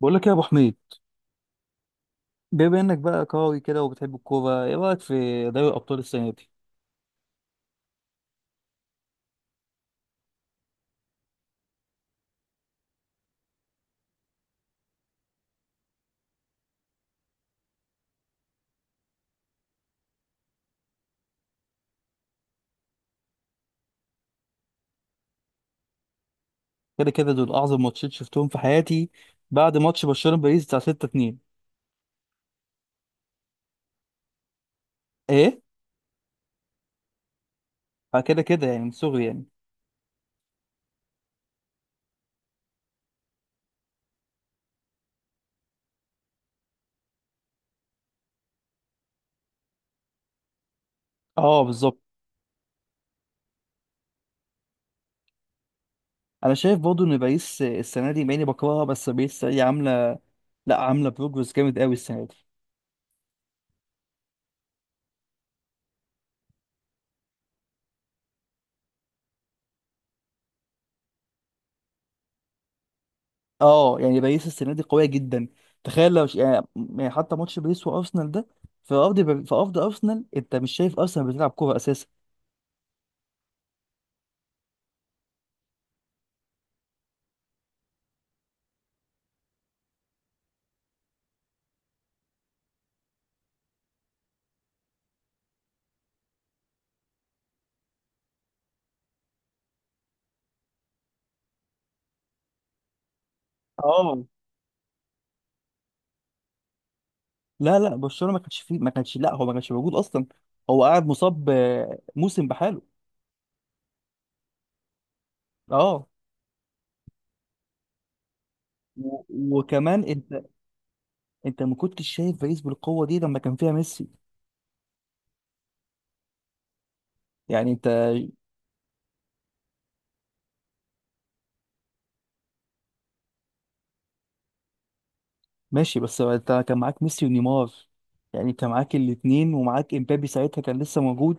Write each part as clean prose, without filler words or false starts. بقول لك إيه يا ابو حميد؟ بما انك بقى قوي كده وبتحب الكوره، ايه رايك في دوري الابطال السنه دي؟ كده كده دول اعظم ماتشين شفتهم في حياتي بعد ماتش برشلونه باريس بتاع 6-2. ايه؟ فكده كده يعني من صغري يعني. اه بالظبط. انا شايف برضه ان باريس السنه دي مع اني بكرهها، بس باريس هي عامله، لا عامله بروجرس جامد قوي السنه دي. اه يعني باريس السنه دي قويه جدا. تخيل لو يعني حتى ماتش باريس وارسنال ده، في ارض ارسنال. انت مش شايف ارسنال بتلعب كوره اساسا؟ اه. لا لا، برشلونه ما كانش فيه ما كانش لا هو ما كانش موجود اصلا. هو قاعد مصاب موسم بحاله. اه. و- وكمان انت ما كنتش شايف باريس بالقوه دي لما كان فيها ميسي. يعني انت، ماشي بس انت كان معاك ميسي ونيمار. يعني انت معاك الاثنين ومعاك امبابي ساعتها كان لسه موجود.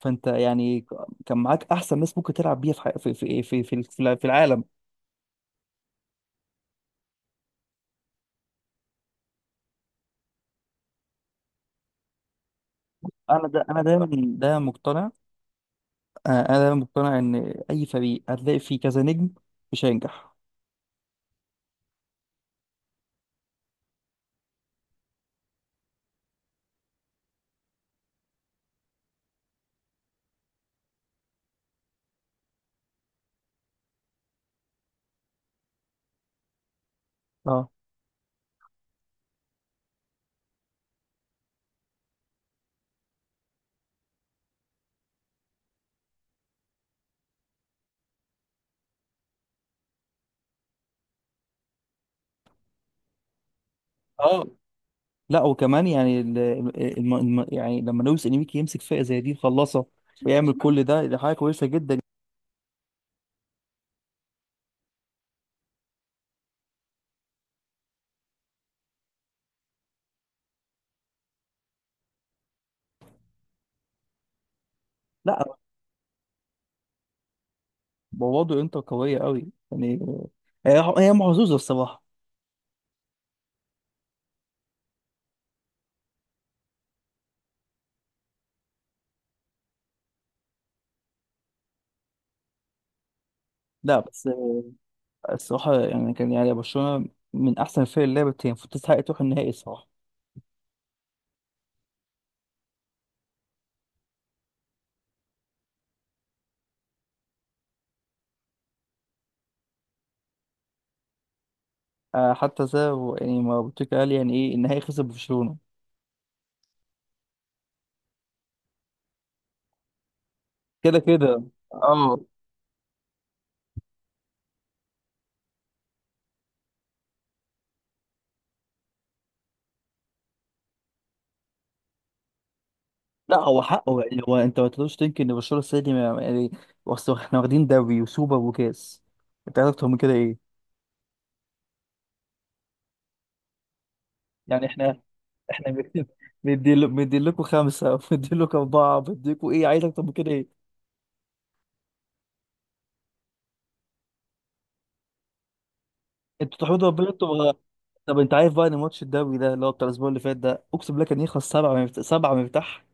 فانت يعني كان معاك احسن ناس ممكن تلعب بيها في العالم. انا دايما ده مقتنع. انا دايما مقتنع ان اي فريق هتلاقي فيه كذا نجم مش هينجح. اه اه. لا وكمان يعني يعني لما لويس انيميكي يمسك فئه زي دي يخلصها ويعمل كل ده، دي حاجه كويسه جدا. لا بوضع انت قويه قوي يعني. هي محظوظه الصراحه. لا بس الصراحه يعني كان يعني برشلونه من احسن الفرق اللي لعبت، هي المفروض تستحق تروح النهائي الصراحه. حتى زي يعني ما بوتيكا قال، يعني ايه النهائي خسر برشلونه؟ كده كده. اه لا هو حقه، يعني هو انت ما تقدرش تنكر ان برشلونه السنه دي يعني اصل احنا واخدين دوري وسوبر وكاس. انت عايز اكتر من كده ايه؟ يعني احنا مدين مدين مدين لكم خمسه، مدين لكم اربعه، مدين لكم ايه؟ عايز اكتر من كده ايه؟ انتوا تحمدوا ربنا انتوا. طب انت عارف بقى ان ماتش الدوري ده اللي هو بتاع الاسبوع اللي فات ده، اقسم بالله كان يخلص 7-0، 7-0.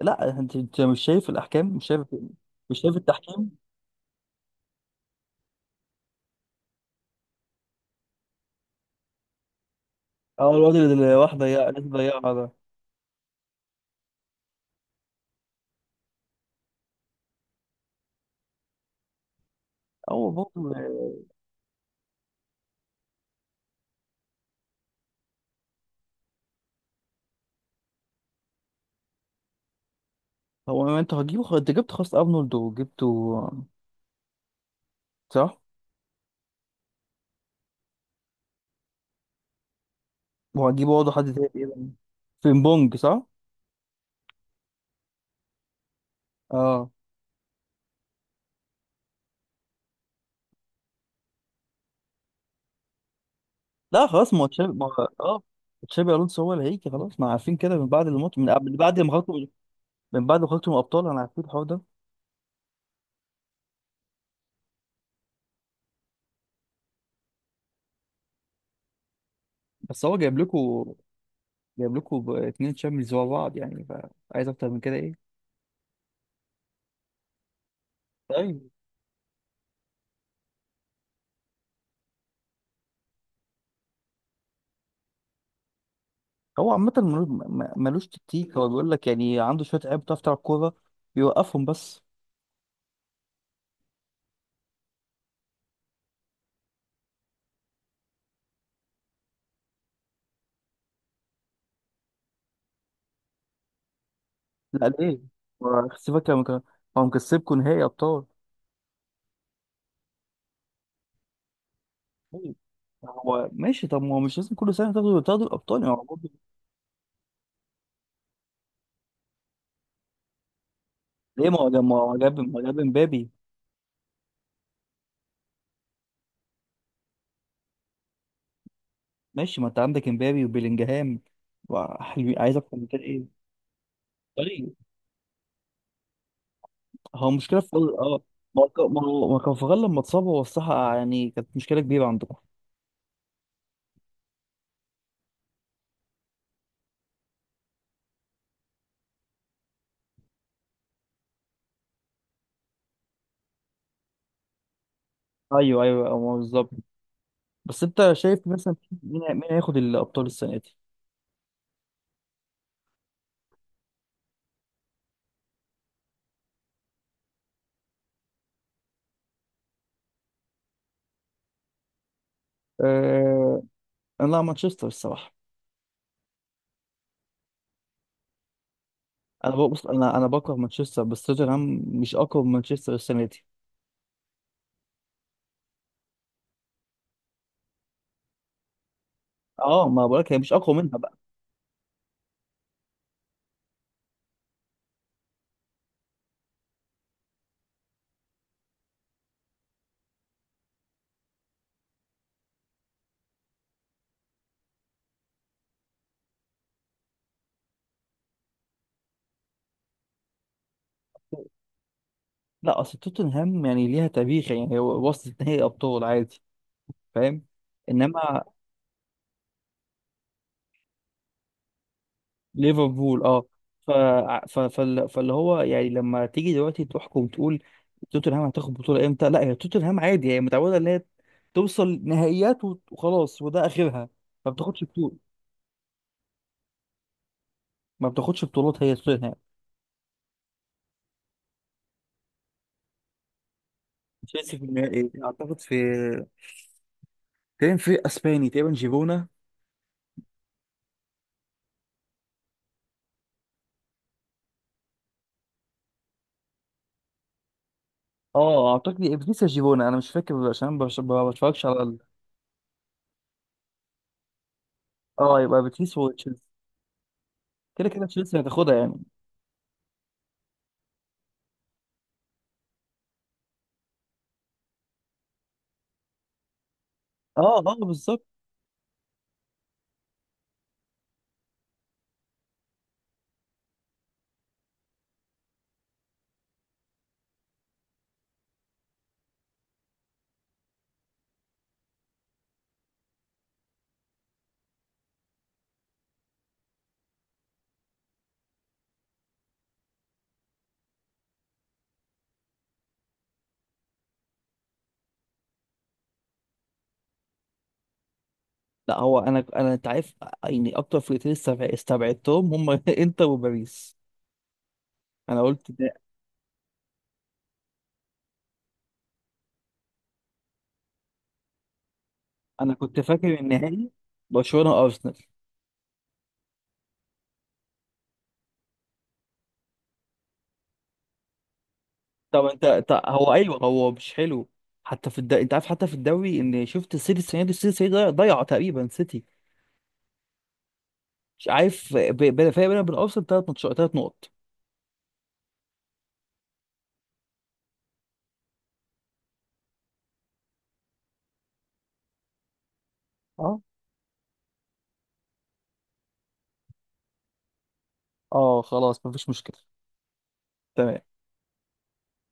لا انت مش شايف الاحكام، مش شايف، مش شايف التحكيم. اه الواد اللي راح اللي ضيعها ده. هو برضه. هو ما انت هتجيبه خلاص، انت جبت خلاص ارنولد وجبته. صح. وهجيب برضه حد تاني إيه بقى؟ فريمبونج صح. اه. لا خلاص، ما هو تشابي ما هو- اه تشابي الونسو هو اللي هيجي خلاص، ما عارفين كده من بعد الماتش، من قبل، بعد ما خرجتوا، من بعد ما خرجتوا من الابطال انا عارفين الحوار ده. بس هو جايب لكم اثنين تشامبيونز ورا بعض يعني. فعايز اكتر من كده ايه؟ ايوه. هو عامة ملوش تكتيك، هو بيقول لك يعني عنده شوية لعيبة بتعرف تلعب كورة، بيوقفهم بس. لا ليه؟ هو سيبك هو مكسبكوا نهائي أبطال. هو ماشي، طب ما هو مش لازم كل سنه تاخدوا الابطال، ما هو برضه. ليه؟ ما هو جاب امبابي. ماشي، ما انت عندك امبابي وبيلينجهام وحلوين، عايز اكتر من كده ايه؟ طيب هو مشكله في ما هو ما كارفاخال لما اتصاب، هو الصراحه يعني كانت مشكله كبيره عندكم. ايوه ايوه بالظبط. بس انت شايف مثلا مين، مين هياخد الابطال السنه دي؟ أه... انا مانشستر الصراحه. انا بص، انا بكره مانشستر، بس توتنهام مش اقوى من مانشستر السنه دي. اه ما بقولك هي مش اقوى منها بقى. لا اصل توتنهام يعني ليها تاريخ، يعني هو وصلت نهائي ابطال عادي. فاهم. انما ليفربول اه. ف... فاللي هو يعني لما تيجي دلوقتي تحكم تقول توتنهام هتاخد بطوله امتى. لا هي توتنهام عادي، هي متعوده ان هي توصل نهائيات وخلاص وده اخرها. ما بتاخدش بطوله، ما بتاخدش بطولات هي توتنهام. تشيلسي في النهائي اعتقد في، تقريبا في اسباني تقريبا جيفونا. اه اعتقد بيتيس يا جيفونا، انا مش فاكر عشان ما بتفرجش على اه يبقى بيتيس وتشيلسي. كده كده تشيلسي هتاخدها يعني. اه اه بالظبط. لا هو انا انت عارف، يعني اكتر فرقتين استبعدتهم هم انتر وباريس. انا قلت ده. انا كنت فاكر النهائي برشلونه وارسنال. طب انت طب هو ايوه هو مش حلو. حتى انت عارف حتى في الدوري ان شفت السيتي السنة دي ضيع تقريبا سيتي. مش عارف فرق بينهم وبين ارسنال ثلاث ماتشات، ثلاث نقط. اه اه خلاص مفيش مشكله. تمام.